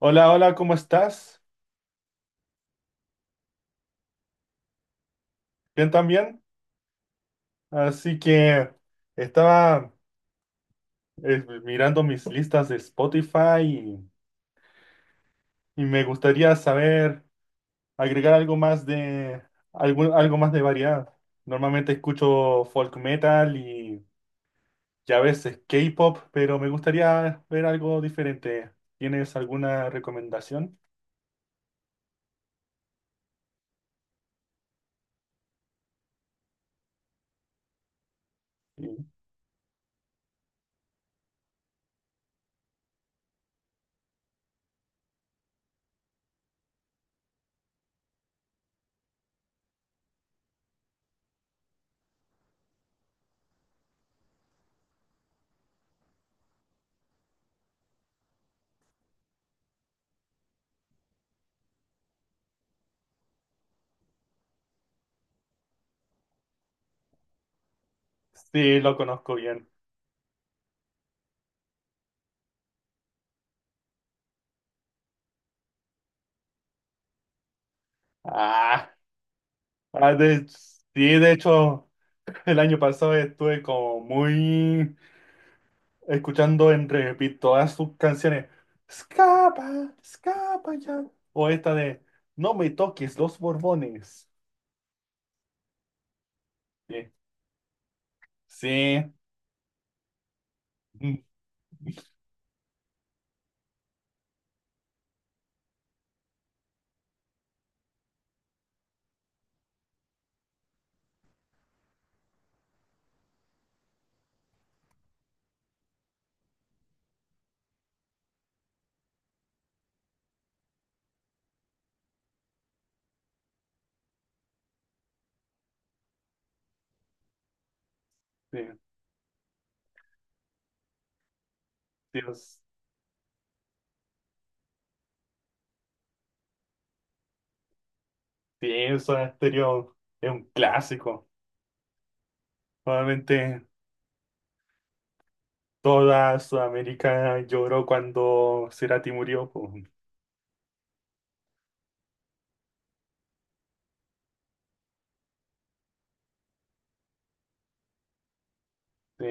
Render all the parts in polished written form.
Hola, hola, ¿cómo estás? Bien también. Así que estaba mirando mis listas de Spotify, y me gustaría saber agregar algo más de algo más de variedad. Normalmente escucho folk metal y, ya a veces K-pop, pero me gustaría ver algo diferente. ¿Tienes alguna recomendación? Sí, sí, lo conozco bien. Ah, ah, sí, de hecho, el año pasado estuve como muy escuchando en repeat todas sus canciones. Escapa, escapa ya. O esta de No me toques los Borbones. Sí, sí, mm, sí, Dios, sí, Soda Stereo es un clásico. Probablemente toda Sudamérica lloró cuando Cerati murió. Po. Sí,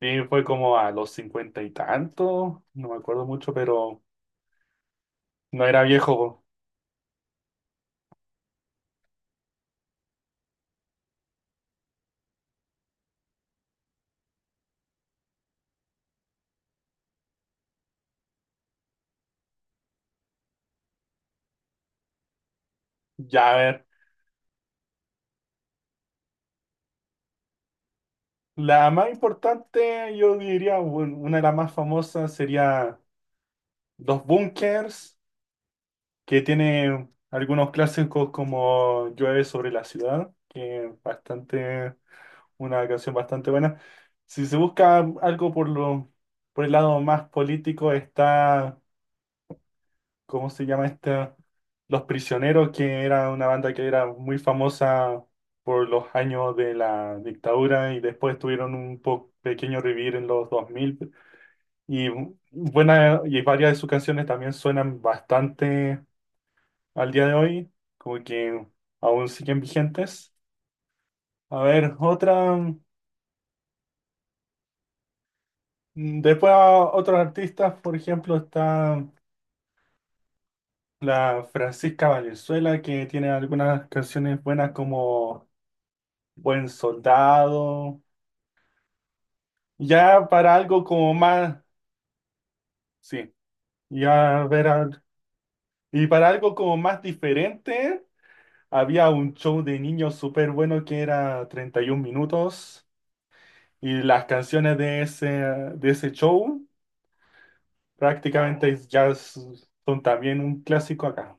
sí, fue como a los cincuenta y tanto, no me acuerdo mucho, pero no era viejo. Po. Ya, a ver. La más importante, yo diría, bueno, una de las más famosas sería Dos Bunkers, que tiene algunos clásicos como Llueve sobre la ciudad, que es bastante, una canción bastante buena. Si se busca algo por el lado más político, está, ¿cómo se llama esta? Los Prisioneros, que era una banda que era muy famosa por los años de la dictadura y después tuvieron un pequeño revivir en los dos mil. Y buena, y varias de sus canciones también suenan bastante al día de hoy, como que aún siguen vigentes. A ver, otra, después a otros artistas, por ejemplo, está la Francisca Valenzuela, que tiene algunas canciones buenas como Buen Soldado, ya para algo como más, sí, ya ver, y para algo como más diferente. Había un show de niños súper bueno que era 31 minutos, y las canciones de ese show prácticamente ya son también un clásico acá.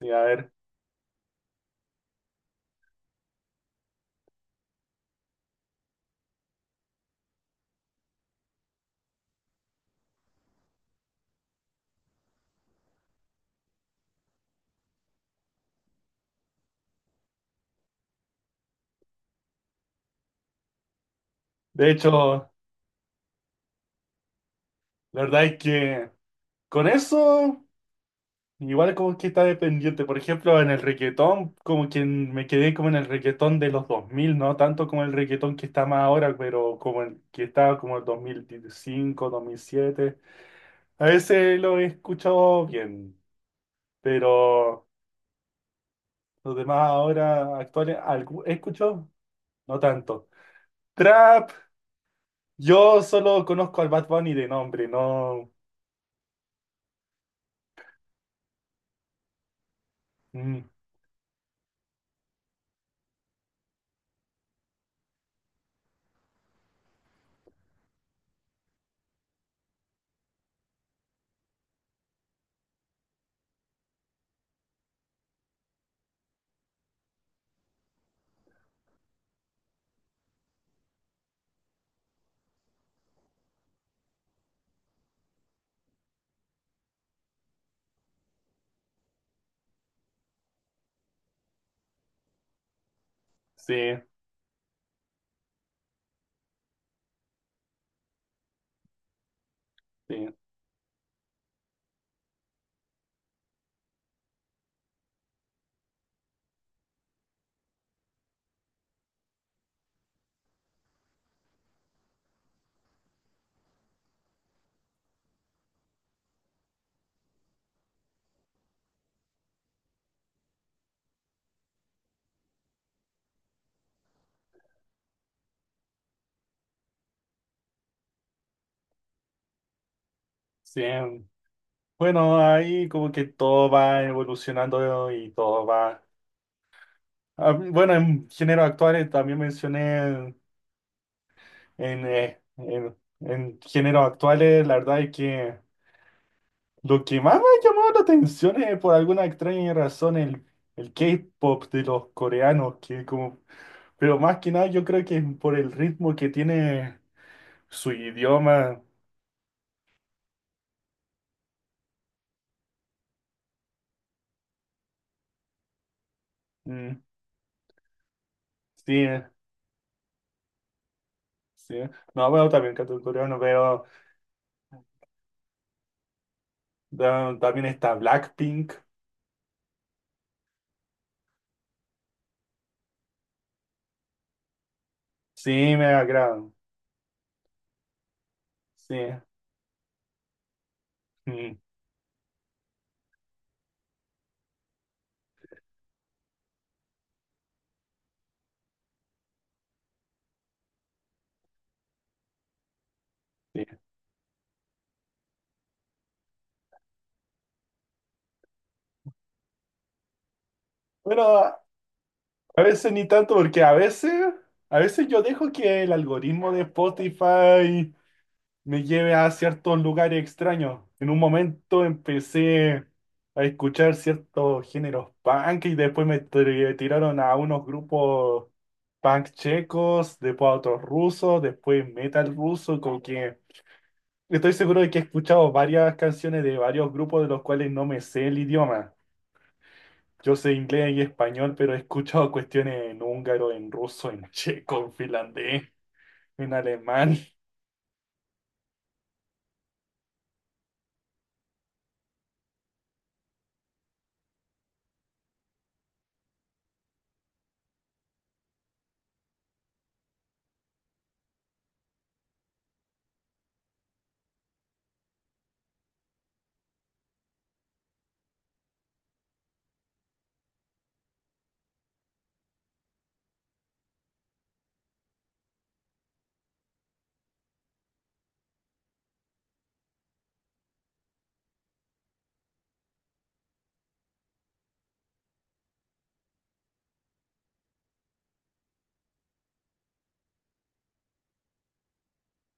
Sí, a ver, de hecho, la verdad es que con eso igual como que está dependiente. Por ejemplo, en el reggaetón, como que me quedé como en el reggaetón de los dos mil, no tanto como el reggaetón que está más ahora, pero como el que estaba como el 2005, 2007. A veces lo he escuchado bien, pero los demás ahora actuales, he escuchado, no tanto. Trap, yo solo conozco al Bad Bunny de nombre, no. Mm, sí, sí, sí. Bueno, ahí como que todo va evolucionando y todo va. Ah, bueno, en géneros actuales también mencioné en géneros actuales, la verdad es que. Lo que más me ha llamado la atención es, por alguna extraña razón, el K-pop de los coreanos, que como, pero más que nada yo creo que es por el ritmo que tiene su idioma. Mm, sí, sí. No, bueno, también canto coreano, pero también está Blackpink. Sí, me agrada. Sí. Mm, sí. Bueno, a veces ni tanto, porque a veces, yo dejo que el algoritmo de Spotify me lleve a ciertos lugares extraños. En un momento empecé a escuchar ciertos géneros punk y después me tiraron a unos grupos punk checos, después a otros rusos, después metal ruso, como que estoy seguro de que he escuchado varias canciones de varios grupos de los cuales no me sé el idioma. Yo sé inglés y español, pero he escuchado cuestiones en húngaro, en ruso, en checo, en finlandés, en alemán.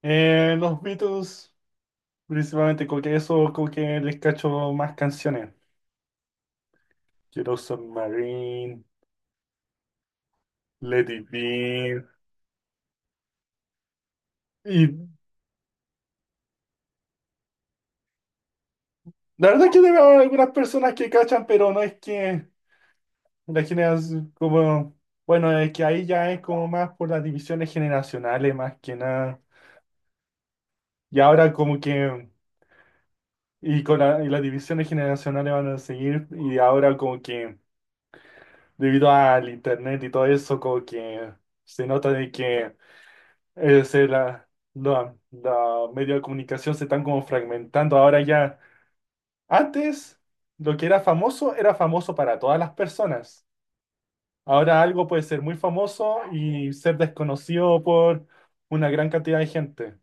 Los Beatles. Principalmente con que eso, con que les cacho más canciones. Quiero Submarine, Let It Be. Y la verdad es que tengo algunas personas que cachan, pero no es que la generación, como, bueno, es que ahí ya es como más por las divisiones generacionales, más que nada. Y ahora como que, y las divisiones generacionales van a seguir, y ahora como que, debido al internet y todo eso, como que se nota de que... Ese, la, medio de comunicación se están como fragmentando. Ahora ya, antes lo que era famoso para todas las personas. Ahora algo puede ser muy famoso y ser desconocido por una gran cantidad de gente.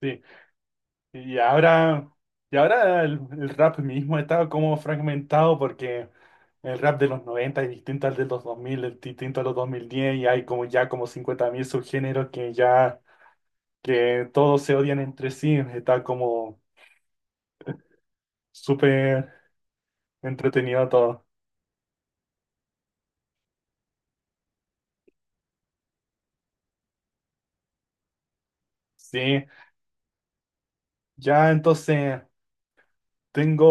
Sí. Y ahora, y ahora el rap mismo está como fragmentado, porque el rap de los 90 es distinto al de los dos mil, es distinto a los 2010, y hay como ya como 50.000 subgéneros que ya... que todos se odian entre sí, está como súper entretenido todo. Sí, ya entonces tengo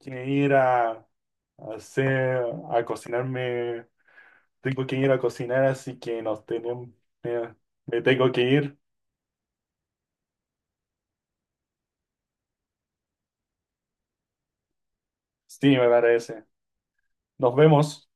que ir a hacer, a cocinarme, tengo que ir a cocinar, así que nos tenemos, eh, me tengo que ir. Sí, me parece. Nos vemos.